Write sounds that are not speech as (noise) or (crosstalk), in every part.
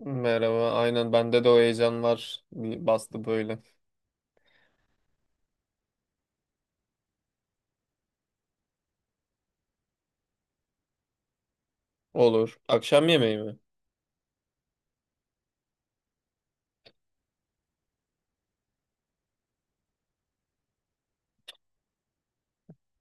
Merhaba. Aynen bende de o heyecan var. Bir bastı böyle. Olur. Akşam yemeği mi?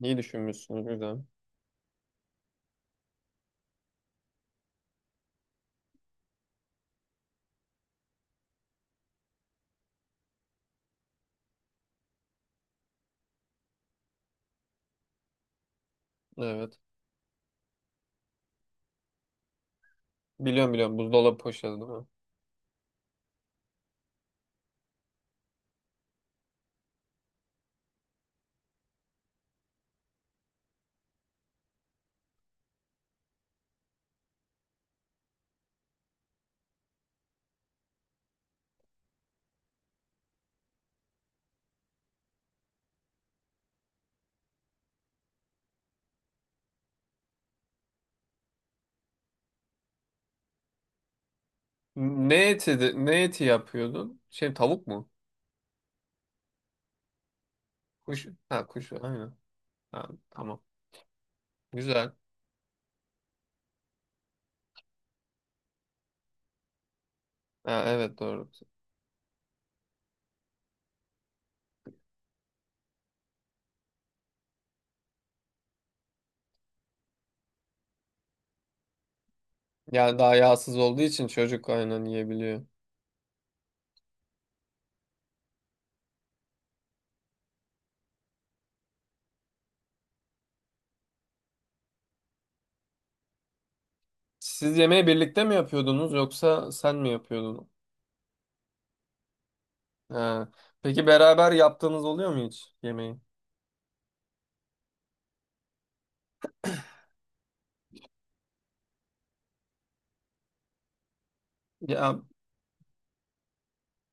İyi düşünmüşsünüz. Güzel. Evet. Biliyorum, biliyorum. Buzdolabı poşeti değil mi? Ne eti, ne eti yapıyordun? Şey, tavuk mu? Kuş. Ha, kuş. Aynen. Ha, tamam. Güzel. Ha, evet, doğru. Yani daha yağsız olduğu için çocuk aynen yiyebiliyor. Siz yemeği birlikte mi yapıyordunuz yoksa sen mi yapıyordun? Ha. Peki beraber yaptığınız oluyor mu hiç yemeği? Ya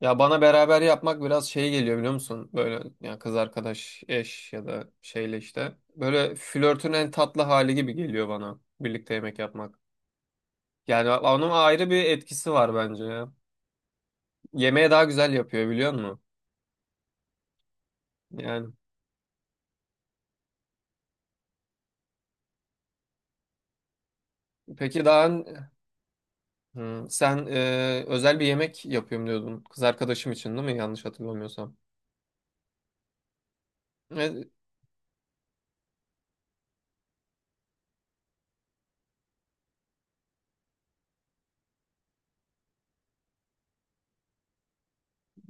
Ya bana beraber yapmak biraz şey geliyor, biliyor musun? Böyle ya kız arkadaş, eş ya da şeyle işte. Böyle flörtün en tatlı hali gibi geliyor bana birlikte yemek yapmak. Yani onun ayrı bir etkisi var bence ya. Yemeği daha güzel yapıyor, biliyor musun? Yani peki daha Hı, sen özel bir yemek yapıyorum diyordun. Kız arkadaşım için, değil mi? Yanlış hatırlamıyorsam. E,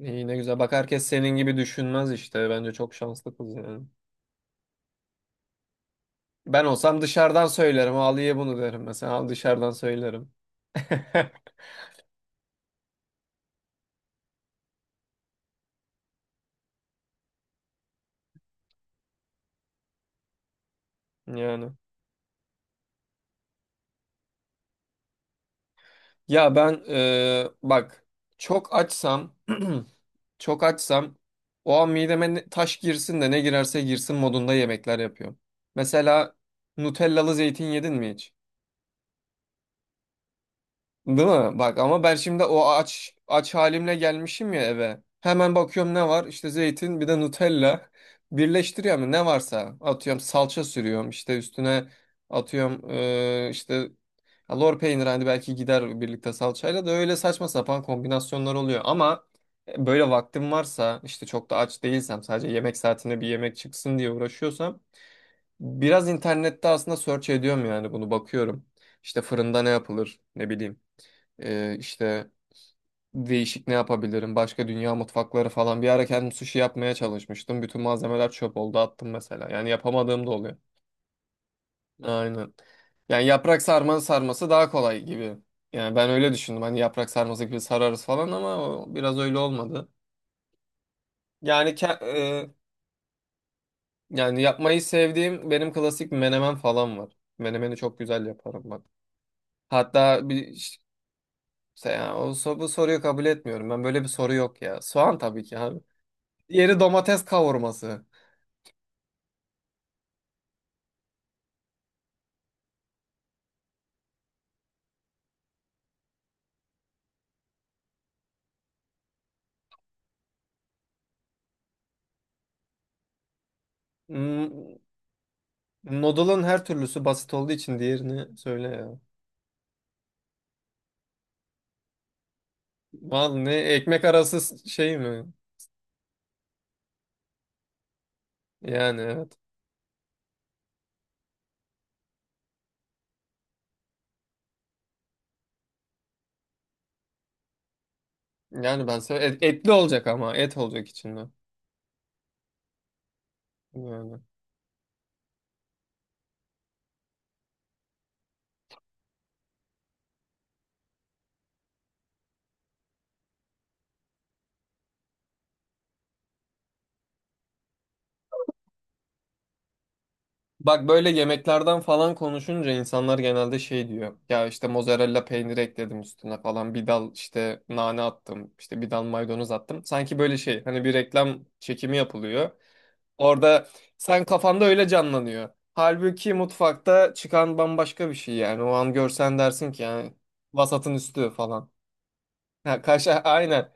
iyi ne güzel. Bak herkes senin gibi düşünmez işte. Bence çok şanslı kız yani. Ben olsam dışarıdan söylerim. Ali'ye bunu derim mesela. Al dışarıdan söylerim. (laughs) Yani. Ya ben bak, çok açsam (clears throat) çok açsam o an mideme taş girsin de ne girerse girsin modunda yemekler yapıyorum. Mesela Nutellalı zeytin yedin mi hiç? Değil mi? Bak ama ben şimdi o aç aç halimle gelmişim ya eve. Hemen bakıyorum, ne var? İşte zeytin, bir de Nutella. (laughs) Birleştiriyorum ne varsa. Atıyorum, salça sürüyorum işte üstüne, atıyorum işte ya lor peynir, hani belki gider birlikte salçayla, da öyle saçma sapan kombinasyonlar oluyor. Ama böyle vaktim varsa, işte çok da aç değilsem, sadece yemek saatinde bir yemek çıksın diye uğraşıyorsam biraz internette aslında search ediyorum yani bunu, bakıyorum. İşte fırında ne yapılır, ne bileyim. İşte değişik ne yapabilirim? Başka dünya mutfakları falan. Bir ara kendim sushi yapmaya çalışmıştım. Bütün malzemeler çöp oldu, attım mesela. Yani yapamadığım da oluyor. Aynen. Yani yaprak sarmanın sarması daha kolay gibi. Yani ben öyle düşündüm. Hani yaprak sarması gibi sararız falan, ama o biraz öyle olmadı. Yani yani yapmayı sevdiğim benim klasik menemen falan var. Menemeni çok güzel yaparım ben. Hatta bir işte ya, bu soruyu kabul etmiyorum. Ben, böyle bir soru yok ya. Soğan tabii ki abi. Diğeri domates kavurması. Hmm, noodle'ın her türlüsü basit olduğu için diğerini söyle ya. Vallahi ne, ekmek arası şey mi? Yani evet. Yani ben söyle etli olacak, ama et olacak içinde. Yani. Bak böyle yemeklerden falan konuşunca insanlar genelde şey diyor. Ya işte mozzarella peyniri ekledim üstüne falan. Bir dal işte nane attım. İşte bir dal maydanoz attım. Sanki böyle şey, hani bir reklam çekimi yapılıyor. Orada sen kafanda öyle canlanıyor. Halbuki mutfakta çıkan bambaşka bir şey yani. O an görsen dersin ki yani vasatın üstü falan. Ha, kaş aynen.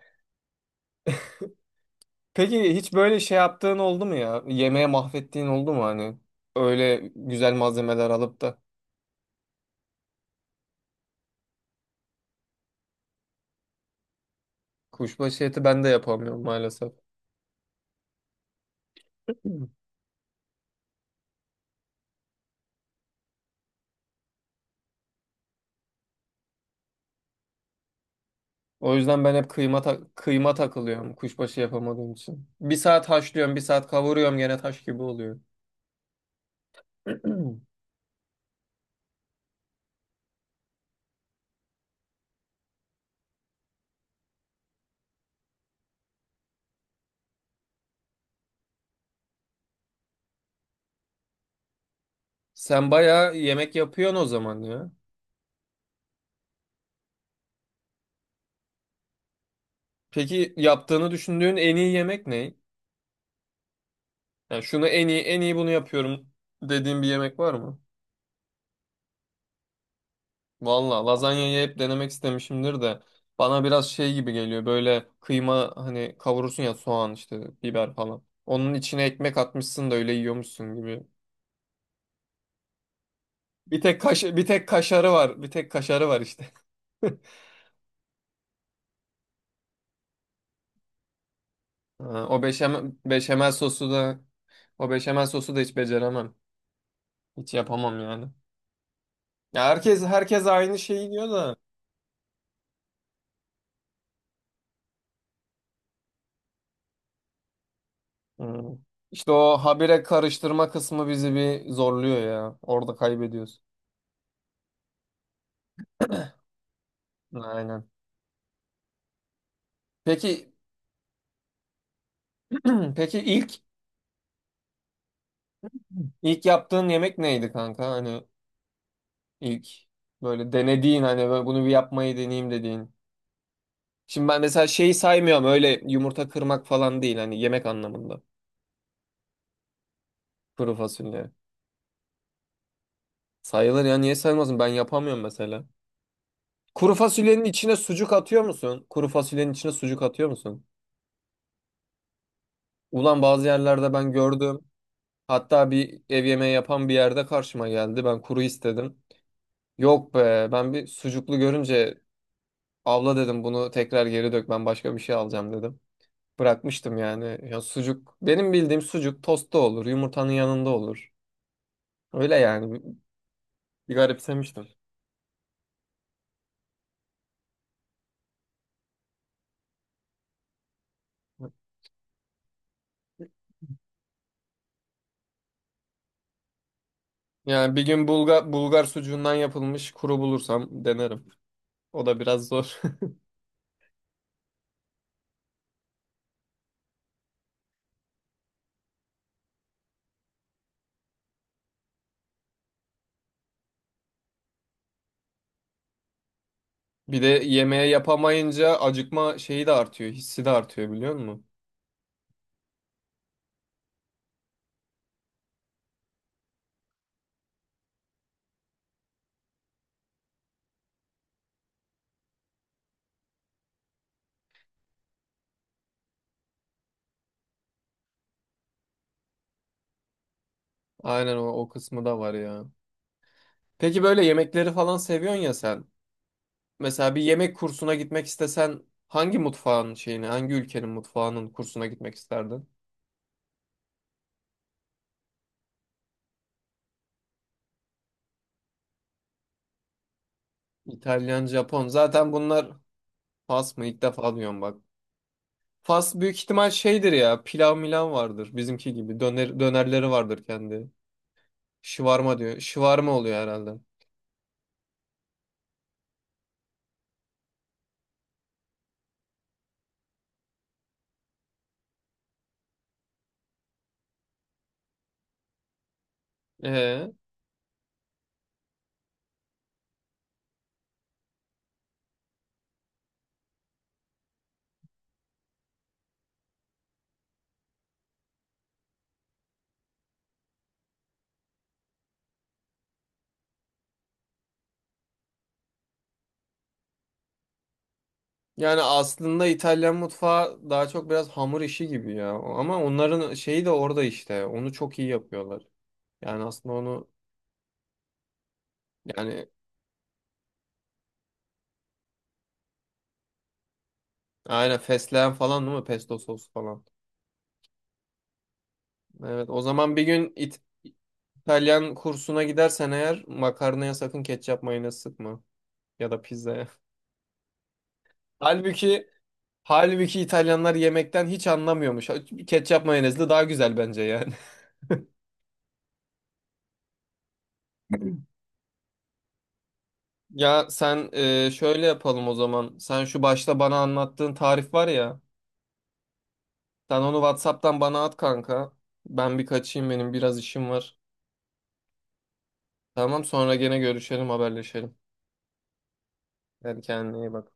Peki hiç böyle şey yaptığın oldu mu ya? Yemeğe mahvettiğin oldu mu hani? Öyle güzel malzemeler alıp da. Kuşbaşı eti ben de yapamıyorum maalesef. O yüzden ben hep kıyma kıyma takılıyorum kuşbaşı yapamadığım için. Bir saat haşlıyorum, bir saat kavuruyorum, gene taş gibi oluyor. (clears throat) Sen bayağı yemek yapıyorsun o zaman ya. Peki yaptığını düşündüğün en iyi yemek ne? Yani şunu en iyi, bunu yapıyorum dediğin bir yemek var mı? Valla lazanyayı hep denemek istemişimdir de bana biraz şey gibi geliyor, böyle kıyma hani kavurursun ya, soğan işte, biber falan. Onun içine ekmek atmışsın da öyle yiyormuşsun gibi. Bir tek kaş, bir tek kaşarı var. Bir tek kaşarı var işte. (laughs) Ha, o beşamel, sosu da o beşamel sosu da hiç beceremem. Hiç yapamam yani. Ya herkes aynı şeyi diyor da Hmm. İşte o habire karıştırma kısmı bizi bir zorluyor ya. Orada kaybediyoruz. Aynen. Peki (clears throat) peki ilk yaptığın yemek neydi kanka? Hani ilk böyle denediğin, hani böyle bunu bir yapmayı deneyeyim dediğin. Şimdi ben mesela şeyi saymıyorum, öyle yumurta kırmak falan değil, hani yemek anlamında. Kuru fasulye. Sayılır ya, niye saymazsın? Ben yapamıyorum mesela. Kuru fasulyenin içine sucuk atıyor musun? Kuru fasulyenin içine sucuk atıyor musun? Ulan bazı yerlerde ben gördüm. Hatta bir ev yemeği yapan bir yerde karşıma geldi. Ben kuru istedim. Yok be, ben bir sucuklu görünce abla dedim, bunu tekrar geri dök, ben başka bir şey alacağım dedim. Bırakmıştım yani. Ya sucuk, benim bildiğim sucuk tostta olur, yumurtanın yanında olur. Öyle yani bir, bir garipsemiştim. Yani bir gün Bulgar sucuğundan yapılmış kuru bulursam denerim. O da biraz zor. (laughs) Bir de yemeğe yapamayınca acıkma şeyi de artıyor, hissi de artıyor, biliyor musun? Aynen o, o kısmı da var ya. Peki böyle yemekleri falan seviyorsun ya sen. Mesela bir yemek kursuna gitmek istesen hangi mutfağın şeyini, hangi ülkenin mutfağının kursuna gitmek isterdin? İtalyan, Japon. Zaten bunlar Fas mı? İlk defa duyuyorum bak. Fas büyük ihtimal şeydir ya. Pilav milan vardır bizimki gibi. Döner, dönerleri vardır kendi. Şıvarma diyor. Şıvarma oluyor herhalde. Ee, yani aslında İtalyan mutfağı daha çok biraz hamur işi gibi ya. Ama onların şeyi de orada işte. Onu çok iyi yapıyorlar. Yani aslında onu yani aynen fesleğen falan, değil mi? Pesto sos falan. Evet, o zaman bir gün İtalyan kursuna gidersen eğer makarnaya sakın ketçap mayonez sıkma. Ya da pizzaya. (laughs) Halbuki halbuki İtalyanlar yemekten hiç anlamıyormuş. Ketçap mayonezli daha güzel bence yani. (laughs) Ya sen şöyle yapalım o zaman. Sen şu başta bana anlattığın tarif var ya. Sen onu WhatsApp'tan bana at kanka. Ben bir kaçayım, benim biraz işim var. Tamam, sonra gene görüşelim, haberleşelim. Hadi kendine iyi bak.